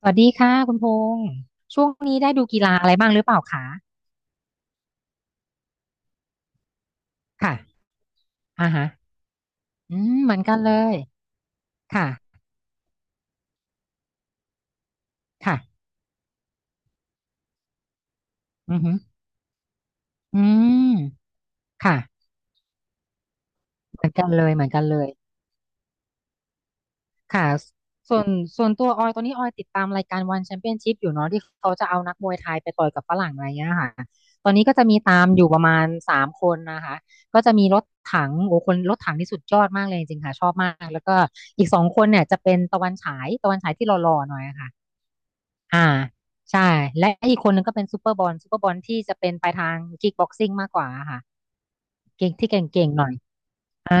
สวัสดีค่ะคุณพงษ์ช่วงนี้ได้ดูกีฬาอะไรบ้างหรือเปล่าคะค่ะอ่าฮะอืมเหมือนกันเลยค่ะค่ะอือออืมค่ะเหมือนกันเลยเหมือนกันเลยค่ะส่วนส่วนตัวออยตอนนี้ออยติดตามรายการวันแชมเปี้ยนชิพอยู่เนาะที่เขาจะเอานักมวยไทยไปต่อยกับฝรั่งอะไรเงี้ยค่ะตอนนี้ก็จะมีตามอยู่ประมาณสามคนนะคะก็จะมีรถถังโอ้คนรถถังที่สุดยอดมากเลยจริงๆค่ะชอบมากแล้วก็อีกสองคนเนี่ยจะเป็นตะวันฉายตะวันฉายที่หล่อๆหน่อยค่ะ อ่าใช่และอีกคนนึงก็เป็นซูเปอร์บอลซูเปอร์บอลที่จะเป็นไปทางคิกบ็อกซิ่งมากกว่าค่ะเก่งที่เก่งๆหน่อยอ่า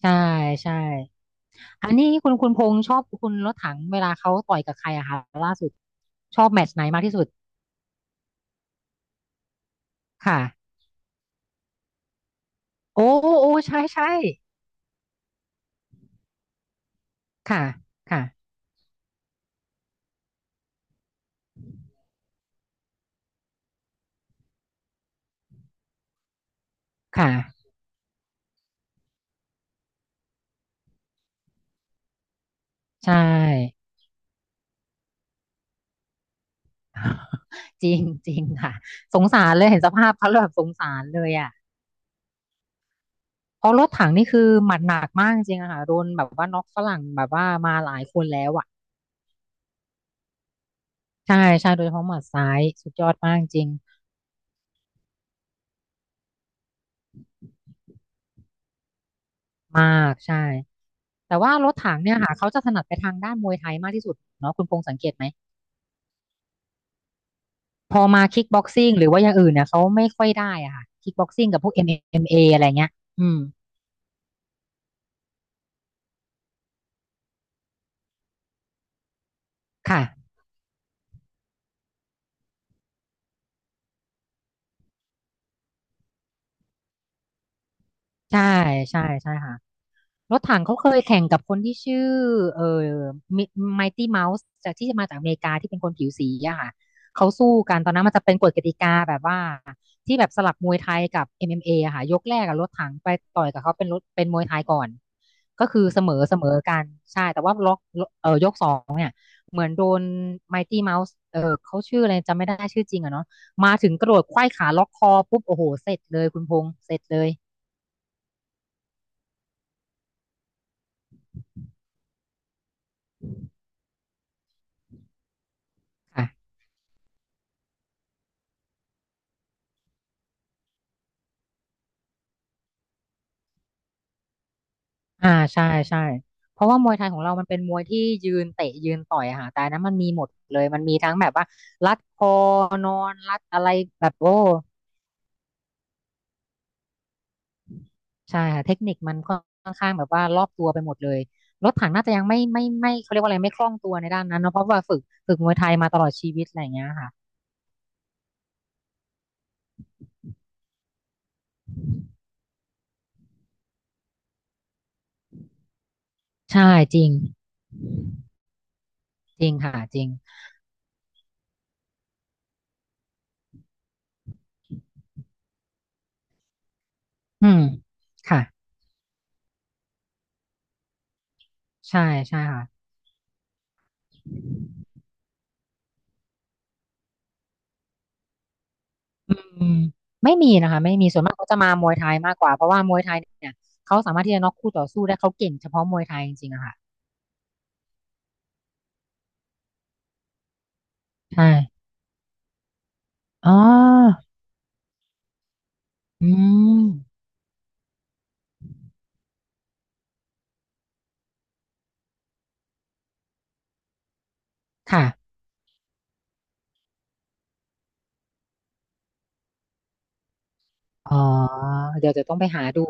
ใช่ใช่อันนี้คุณพงษ์ชอบคุณรถถังเวลาเขาต่อยกับใครอะคะล่าสุดชอบแมตช์ไหนมากที่สุดค่ะโอ้โอ้ใช่ใช่ค่ะค่ะค่ะใช่ จริงจริงค่ะสงสารเลยเห็นสภาพเขาแล้วแบบสงสารเลยอ่ะเพราะรถถังนี่คือหมัดหนักมากจริงอะค่ะโดนแบบว่าน็อกฝรั่งแบบว่ามาหลายคนแล้วอ่ะ ใช่ใช่โดยเฉพาะหมัดซ้ายสุดยอดมากจริงมากใช่แต่ว่ารถถังเนี่ยค่ะเขาจะถนัดไปทางด้านมวยไทยมากที่สุดเนาะคุณพงษ์สังเกตไหมพอมาคิกบ็อกซิ่งหรือว่าอย่างอื่นเนี่ยเขาไม่ค่อยได้อะค่ะคิกบ็อกซิ่งกับพวก MMA อมเอ็มเออะไรเงี้ยอืมค่ะใช่ใช่ใช่ค่ะ รถถังเขาเคยแข่งกับคนที่ชื่อเอ่อไมตี้เมาส์จากที่มาจากอเมริกาที่เป็นคนผิวสีอะค่ะเขาสู้กันตอนนั้นมันจะเป็นกฎกติกาแบบว่าที่แบบสลับมวยไทยกับ MMA อมเอ็มเออะค่ะยกแรกกับรถถังไปต่อยกับเขาเป็นรถเป็นมวยไทยก่อนก็คือเสมอเสมอกันใช่แต่ว่าล็อกยกสองเนี่ยเหมือนโดนไมตี้เมาส์เออเขาชื่ออะไรจำไม่ได้ชื่อจริงอะเนาะมาถึงกระโดดไขว้ขาล็อกคอปุ๊บโอ้โหเสร็จเลยคุณพงษ์เสร็จเลยค่ะ อ่าใช่ใช่เพราะว่ามวยไทยของเรามันเป็นมวยที่ยืนเตะยืนต่อยอะค่ะแต่อันนั้นมันมีหมดเลยมันมีทั้งแบบว่ารัดคอนอนรัดอะไรแบบโอ้ใช่ค่ะเทคนิคมันค่อนข้างแบบว่ารอบตัวไปหมดเลยรถถังน่าจะยังไม่เขาเรียกว่าอะไรไม่คล่องตัวในด้านนั้นเนอะเพราะว่าฝึกมวยไทยมาตลอดชีวิตอะไรอย่างเงี้ยค่ะใช่จริงจริงค่ะจริงอืมค่ะใช่ใช่ค่ะ อืมไม่มีนะคะไม่มีส่วนมากเขาจะมามวยไทยมากกว่าเพราะว่ามวยไทยเนี่ยเขาสามารถที่จะน็อกคู่ต่อสู้ได้เขาเก่งเฉพาะมวยไทยจริงๆอะค่ะใช่อ๋ออืมค่ะอ๋อเดี๋ยวจะต้องไปหาดู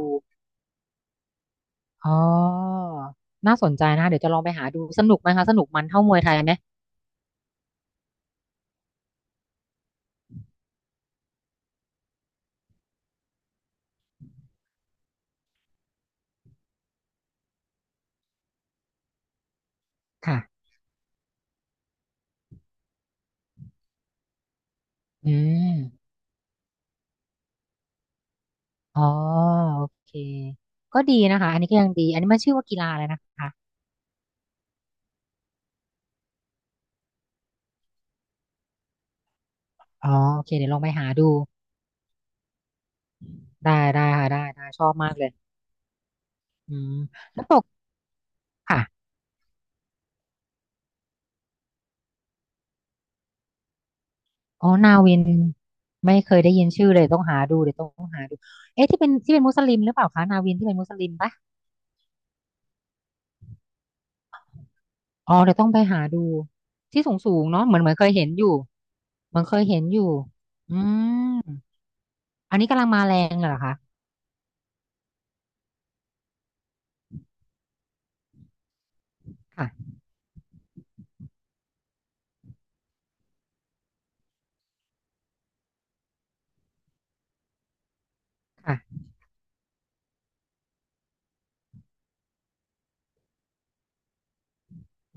อ๋อน่าสนใจนะคะเดี๋ยวจะลองไปหาดูสนุกไหมคะสนุกมันเท่ามวยไทยไหมค่ะอืมอ๋อโอเคก็ดีนะคะอันนี้ก็ยังดีอันนี้มันชื่อว่ากีฬาอะไรนะคะอ๋อโอเคเดี๋ยวลองไปหาดูได้ได้ค่ะได้ได้ชอบมากเลยอืมแล้วปกค่ะ อ๋อนาวินไม่เคยได้ยินชื่อเลยต้องหาดูเดี๋ยวต้องหาดูเอ๊ะที่เป็นมุสลิมหรือเปล่าคะนาวินที่เป็นมุสลิมปะอ๋อเดี๋ยวต้องไปหาดูที่สูงสูงเนาะเหมือนเหมือนเคยเห็นอยู่เหมือนเคยเห็นอยู่อืมอันนี้กำลังมาแรงเหรอคะค่ะค่ะ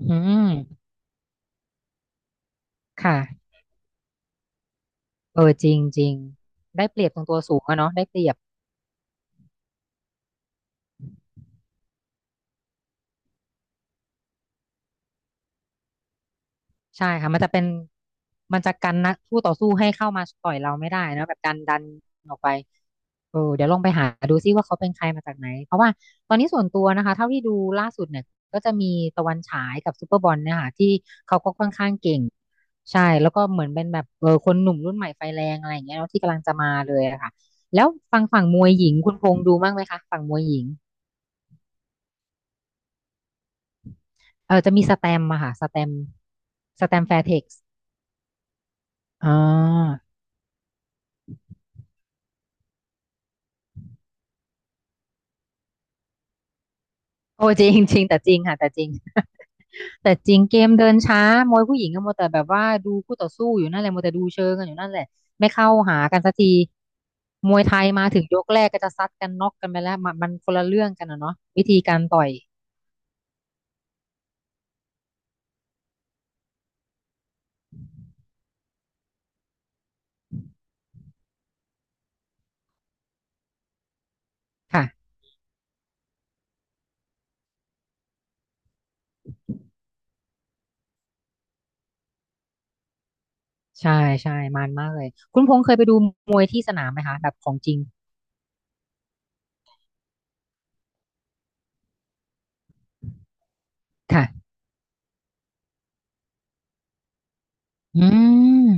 อืมค่ะเออจริงจริงได้เปรียบตรงตัวสูงอะเนาะได้เปรียบ ใช่ค่ะมันจะเป็นมันจะกันนะคู่ต่อสู้ให้เข้ามาต่อยเราไม่ได้นะแบบดันออกไปเออเดี๋ยวลองไปหาดูซิว่าเขาเป็นใครมาจากไหนเพราะว่าตอนนี้ส่วนตัวนะคะเท่าที่ดูล่าสุดเนี่ยก็จะมีตะวันฉายกับซูเปอร์บอลเนี่ยค่ะที่เขาก็ค่อนข้างเก่งใช่แล้วก็เหมือนเป็นแบบเออคนหนุ่มรุ่นใหม่ไฟแรงอะไรอย่างเงี้ยเนาะที่กำลังจะมาเลยอะค่ะแล้วฝั่งมวยหญิงคุณพงษ์ดูบ้างไหมคะฝั่งมวยหญิงเออจะมีสแตมมาค่ะสแตมสแตมแฟร์เท็กซ์อ่า โอ้จริงจริงแต่จริงค่ะแต่จริง แต่จริงเกมเดินช้ามวยผู้หญิงก็มัวแต่แบบว่าดูคู่ต่อสู้อยู่นั่นแหละมัวแต่ดูเชิงกันอยู่นั่นแหละไม่เข้าหากันสักทีมวยไทยมาถึงยกแรกก็จะซัดกันน็อกกันไปแล้วมันคนละเรื่องกันนะเนาะวิธีการต่อยค่ะใช่ใช่มันมากเลยคุณพงษ์เคยไปดูมวยที่สนามไหมคะแบบของจริงค่ะอืม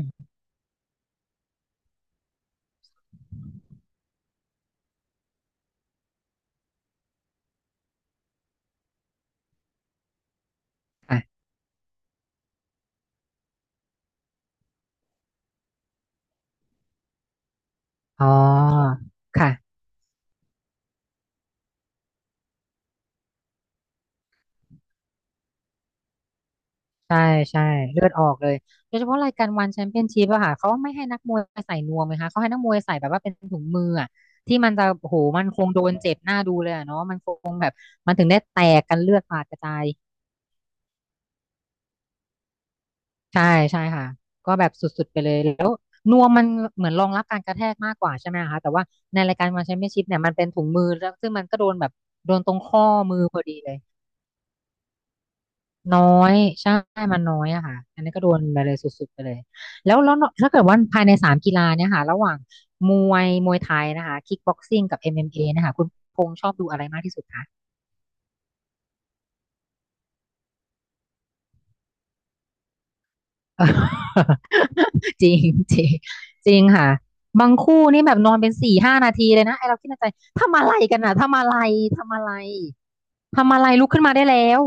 ค่ะอ๋อค่ะ ใช่ใช่เลือดออกเลยโดยเฉพาะรายการวันแชมเปี้ยนชิพอะค่ะเขาไม่ให้นักมวยใส่นวมเลยค่ะเขาให้นักมวยใส่แบบว่าเป็นถุงมืออะที่มันจะโอ้โหมันคงโดนเจ็บหน้าดูเลยอะเนาะมันคงแบบมันถึงได้แตกกันเลือดสาดกระจายใช่ใช่ค่ะก็แบบสุดๆไปเลยแล้วนวมมันเหมือนรองรับการกระแทกมากกว่าใช่ไหมคะแต่ว่าในรายการวันแชมเปี้ยนชิพเนี่ยมันเป็นถุงมือแล้วซึ่งมันก็โดนแบบโดนตรงข้อมือพอดีเลย น้อยใช่มันน้อยอะค่ะอันนี้ก็โดนไปเลยสุดๆไปเลยแล้วถ้าเกิดว่าภายในสามกีฬาเนี่ยค่ะระหว่างมวยไทยนะคะคิกบ็อกซิ่งกับ MMA นะคะคุณพงษ์ชอบดูอะไรมากที่สุดคะเออ จริงจริงจริงค่ะบางคู่นี่แบบนอนเป็นสี่ห้านาทีเลยนะไอเราคิดในใจทำอะไรกันอ่ะทำอะไรทำอะไรทำอะไรลุกขึ้นมาได้แล้ว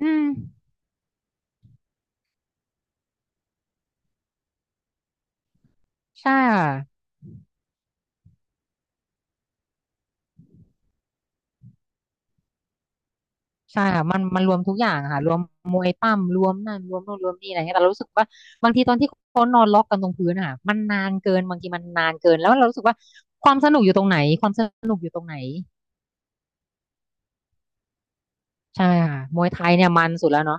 อืมใช่ค่ะ ใช่ค่ะมันรวมทุกอย่างอะค่ะรวมมวยปั้มรวมนั่นรวมโน่นรวมนี่อะไรเงี้ยแต่เรารู้สึกว่าบางทีตอนที่เขานอนล็อกกันตรงพื้นอะค่ะมันนานเกินบางทีมันนานเกินแล้วเรารู้สึกว่าความสนุกอยู่ตรงไหนความสนุกอยู่ตรงไหนใช่ค่ะมวยไทยเนี่ยมันสุดแล้วเนาะ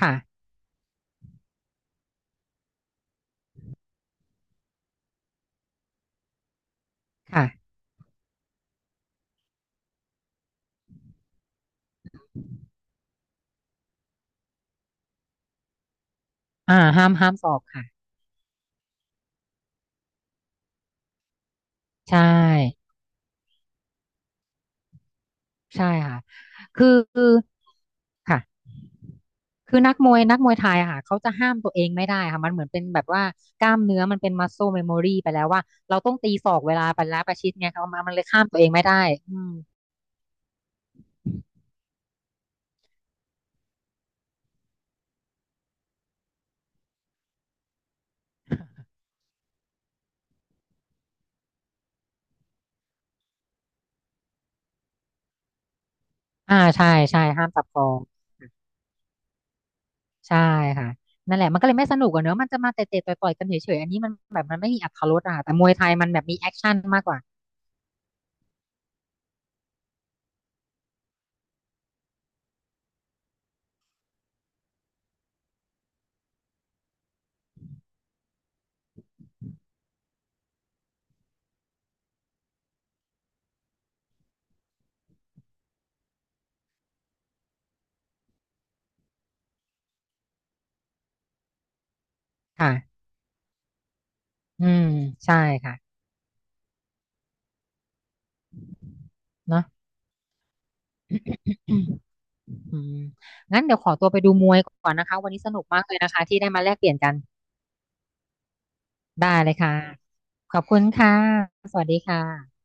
ค่ะค่ะอ่าห้ามสอบค่ะใช่ใช่ค่ะคือคือค่ะ คือนักมวยไทยอะค่ะเขาจะห้ามตัวเองไม่ได้ค่ะมันเหมือนเป็นแบบว่ากล้ามเนื้อมันเป็นมัสโ l เม e โมรีไปแล้วว่าเราต้องตีศอกเวลาไปแล้วประชิดไงเขามามันเลยห้ามตัวเองไม่ได้อืมอ่าใช่ใช่ห้ามจับคองใช่ค่ะนั่นแหละมันก็เลยไม่สนุกอะเนอะมันจะมาเตะๆต่อยๆกันเฉยๆอันนี้มันแบบมันไม่มีอรรถรสอะค่ะแต่มวยไทยมันแบบมีแอคชั่นมากกว่าค่ะอืมใช่ค่ะเนอะ อืมงั้นเดี๋ยวขอตัวไปดูมวยก่อนนะคะวันนี้สนุกมากเลยนะคะที่ได้มาแลกเปลี่ยนกัน ได้เลยค่ะ ขอบคุณค่ะ สวัสดีค่ะ